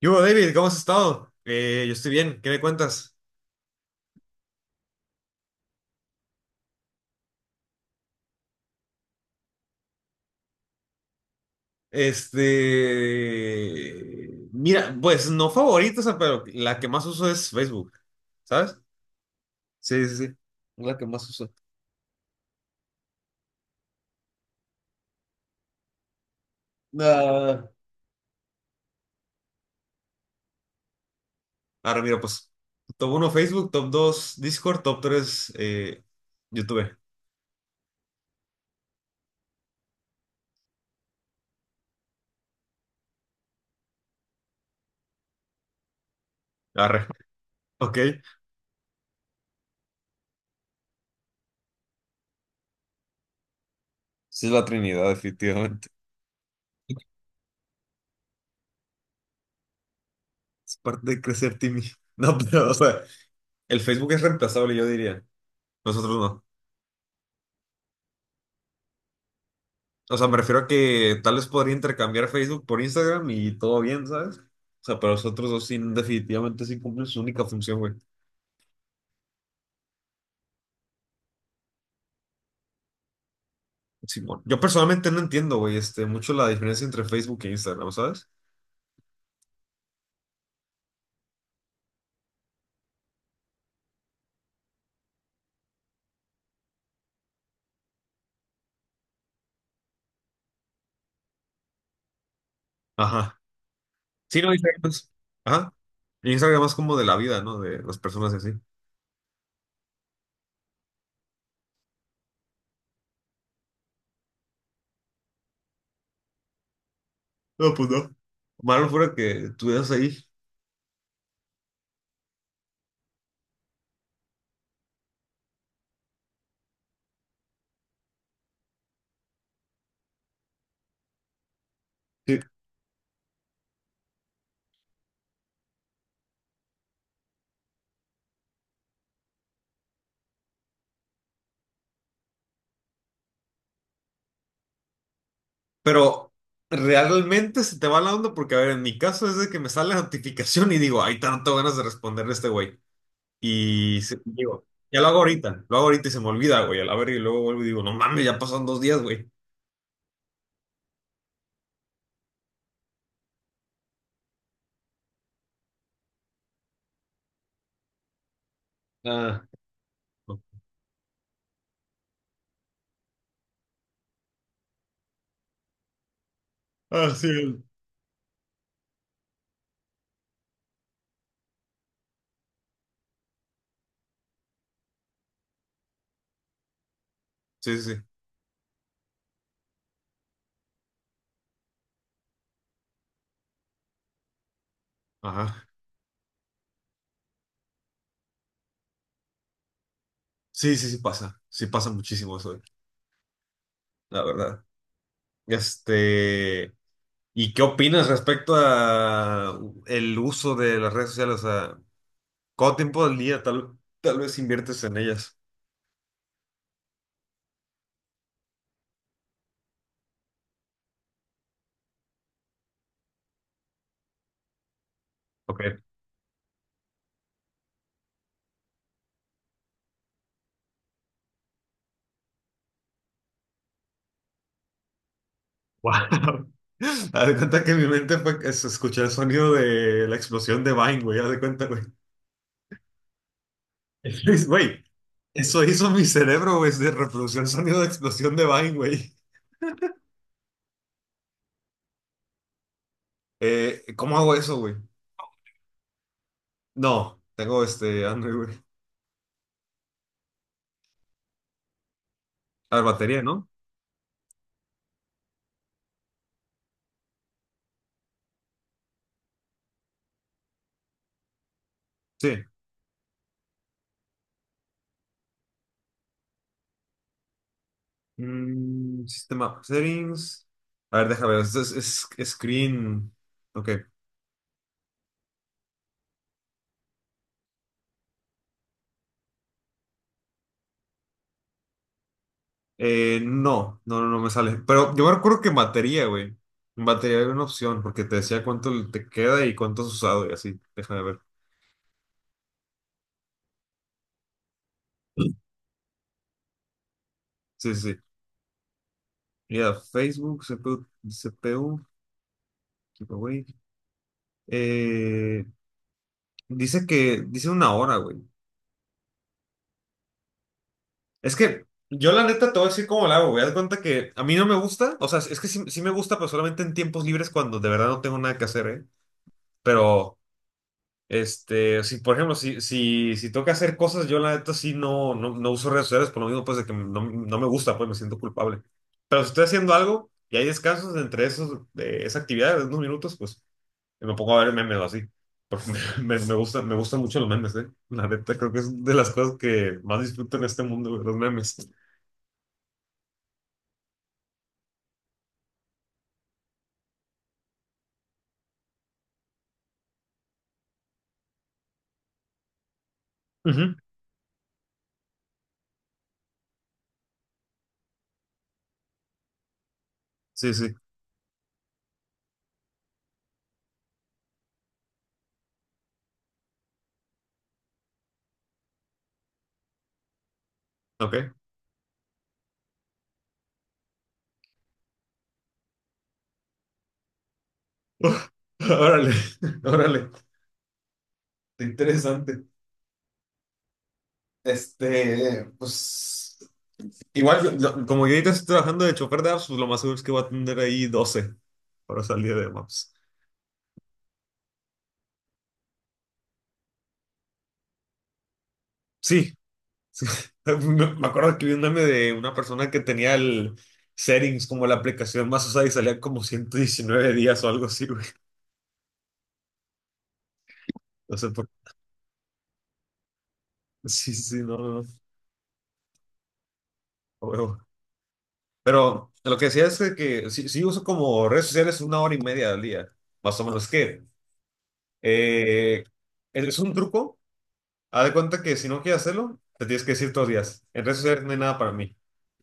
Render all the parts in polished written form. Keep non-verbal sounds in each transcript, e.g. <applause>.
Yo, David, ¿cómo has estado? Yo estoy bien, ¿qué me cuentas? Mira, pues no favorita, o sea, pero la que más uso es Facebook, ¿sabes? Sí, sí, sí, la que más uso. Ah. Ahora mira, pues, top uno Facebook, top 2 Discord, top 3 YouTube. Arre, <laughs> ok. Sí, es la Trinidad, definitivamente. Es parte de crecer, Timmy. <laughs> No, pero, o sea, el Facebook es reemplazable, yo diría. Nosotros no. O sea, me refiero a que tal vez podría intercambiar Facebook por Instagram y todo bien, ¿sabes? O sea, pero los otros dos sí, definitivamente sí cumplen su única función, güey. Simón. Yo personalmente no entiendo, güey, mucho la diferencia entre Facebook e Instagram, ¿sabes? Ajá. Sí, no, Instagram es-. Ajá. Instagram es como de la vida, ¿no? De las personas y así. No, pues no. Malo fuera que estuvieras ahí. Sí. Pero realmente se te va la onda porque, a ver, en mi caso es de que me sale la notificación y digo, ay, tanto ganas de responderle a este güey. Digo, ya lo hago ahorita y se me olvida, güey, a la verga, y luego vuelvo y digo, no mames, ya pasaron dos días, güey. Ah, no. Ah, sí. Sí, sí, sí. Ajá. Sí, sí, sí pasa. Sí pasa muchísimo eso, güey, la verdad. Este, ¿Y qué opinas respecto a el uso de las redes sociales? O sea, ¿cuánto tiempo del día tal vez inviertes en ellas? Ok. Wow. <laughs> Haz de cuenta que en mi mente fue que se escuchó el sonido de la explosión de Vine, güey. Haz de cuenta, güey. <laughs> Luis, güey, eso hizo mi cerebro, güey, se reprodució el sonido de explosión de Vine, güey. ¿Cómo hago eso, güey? No, tengo este Android, güey. A ver, batería, ¿no? Sí. Mm, sistema settings. A ver, déjame ver, es screen. Ok. No me sale. Pero yo me acuerdo que en batería, güey. En batería había una opción, porque te decía cuánto te queda y cuánto has usado y así. Déjame ver. Sí, sí, sí. Mira, Facebook, CPU, CPU, Eh, dice 1 hora, güey. Es que yo la neta te voy a decir cómo la hago, güey. Haz de cuenta que a mí no me gusta, o sea, es que sí, sí me gusta, pero solamente en tiempos libres cuando de verdad no tengo nada que hacer, ¿eh? Pero, si, por ejemplo, si, si, si tengo que hacer cosas, yo la neta sí no uso redes sociales por lo mismo, pues, de que no, no me gusta, pues me siento culpable. Pero si estoy haciendo algo y hay descansos entre esos, de esa actividad de unos minutos, pues y me pongo a ver memes o así. Porque <laughs> me gustan mucho los memes, ¿eh? La neta, creo que es de las cosas que más disfruto en este mundo, güey, los memes. Ujú. Sí, sí, ok. <laughs> Órale, <laughs> órale, interesante. Pues, igual, como yo ahorita estoy trabajando de chofer de apps, pues lo más seguro es que voy a tener ahí 12 para salir de maps. Sí, <laughs> Me me acuerdo que vi un meme de una persona que tenía el settings como la aplicación más usada y salían como 119 días o algo así, güey. No sé por qué. Sí, sí, sí, no, no, no, a huevo. Pero lo que decía es de que sí, sí uso como redes sociales 1 hora y media al día, más o menos. Que eh, es un truco. Haz de cuenta que si no quieres hacerlo, te tienes que decir todos los días. En redes sociales no hay nada para mí.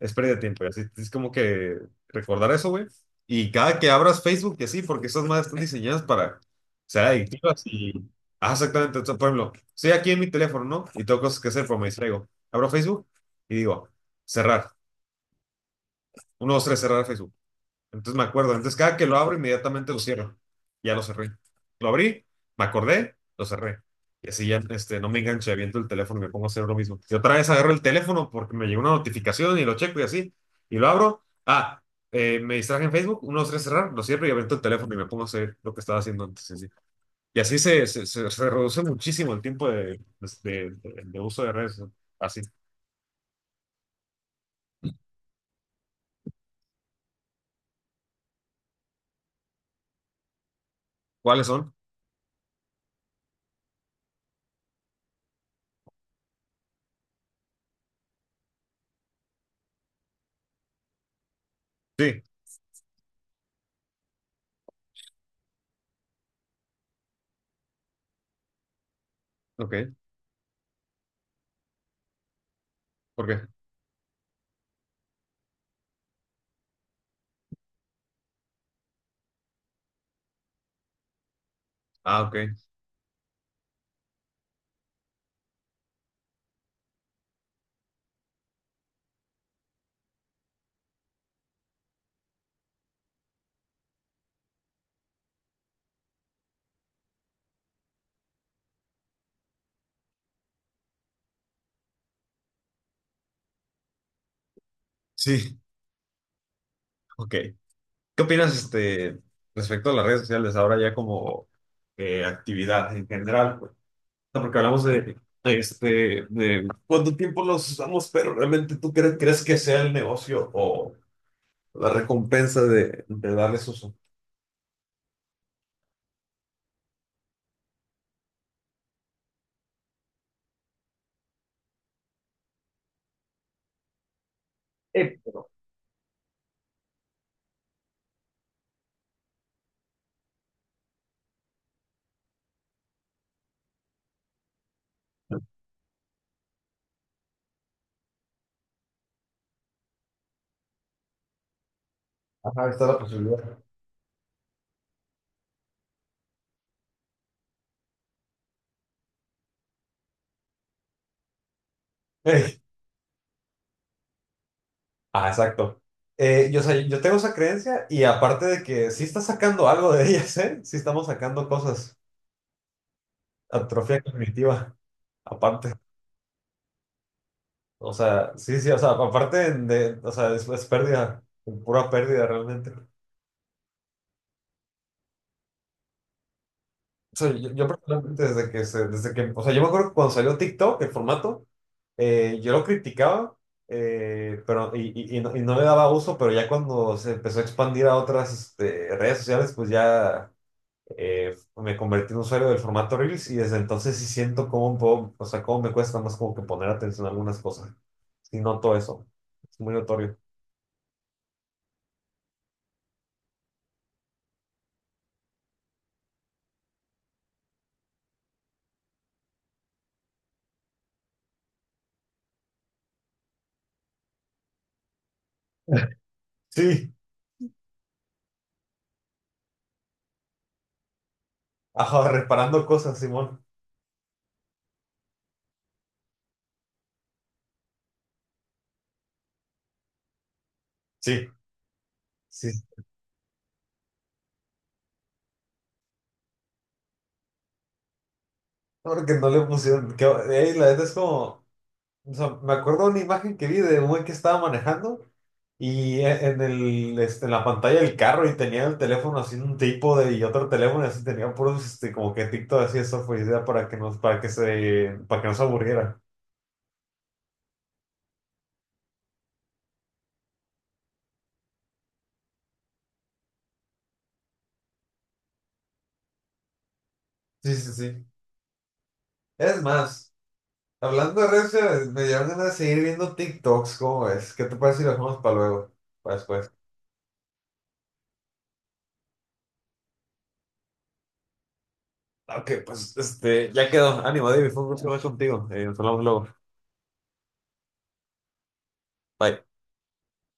Es pérdida de tiempo. Y así es como que recordar eso, güey. Y cada que abras Facebook, que sí, porque esas madres están diseñadas para ser adictivas y. Ah, exactamente. Entonces, por ejemplo, estoy aquí en mi teléfono, ¿no? Y tengo cosas que hacer, pero me distraigo. Abro Facebook y digo, cerrar. Uno, dos, tres, cerrar Facebook. Entonces me acuerdo. Entonces cada que lo abro, inmediatamente lo cierro. Ya lo cerré. Lo abrí, me acordé, lo cerré. Y así ya no me enganché, aviento el teléfono y me pongo a hacer lo mismo. Y otra vez agarro el teléfono porque me llegó una notificación y lo checo y así. Y lo abro. Me distraje en Facebook, uno, dos, tres, cerrar, lo cierro y aviento el teléfono y me pongo a hacer lo que estaba haciendo antes. Y así, y así se reduce muchísimo el tiempo de uso de redes. ¿No? Así. ¿Cuáles son? Sí, ok. ¿Por qué? Ah, ok. Sí, ok. ¿Qué opinas, respecto a las redes sociales ahora ya como actividad en general, pues? O sea, porque hablamos de cuánto tiempo los usamos, pero realmente crees que sea el negocio o la recompensa de darles uso. Pero, ajá, está la posibilidad. Ey, ah, exacto. Yo tengo esa creencia y aparte de que sí está sacando algo de ellas, ¿eh? Sí estamos sacando cosas. Atrofia cognitiva, aparte. O sea, sí, sí, o sea, aparte de, o sea, es pérdida, pura pérdida realmente. O sea, yo personalmente desde que, o sea, yo me acuerdo que cuando salió TikTok, el formato, yo lo criticaba, pero, no, y no le daba uso, pero ya cuando se empezó a expandir a otras redes sociales, pues ya me convertí en usuario del formato Reels y desde entonces sí siento cómo puedo, o sea, cómo me cuesta más como que poner atención a algunas cosas. Sí noto eso, es muy notorio. <laughs> Sí. Ajá, reparando cosas, Simón. Sí, sí. Porque no le pusieron. Que, ey, la neta es como. O sea, me acuerdo una imagen que vi de un güey que estaba manejando y en el, en la pantalla del carro y tenía el teléfono así en un trípode y otro teléfono y así tenía puros como que TikTok así eso fue idea para que no se aburriera. Sí, sí, sí. Es más, hablando de redes sociales, me dieron ganas de seguir viendo TikToks, ¿cómo ves? ¿Qué te parece si lo dejamos para luego? Para después. Ok, pues ya quedó. Ánimo, David, fue un gusto hablar contigo. Nos hablamos luego. Bye.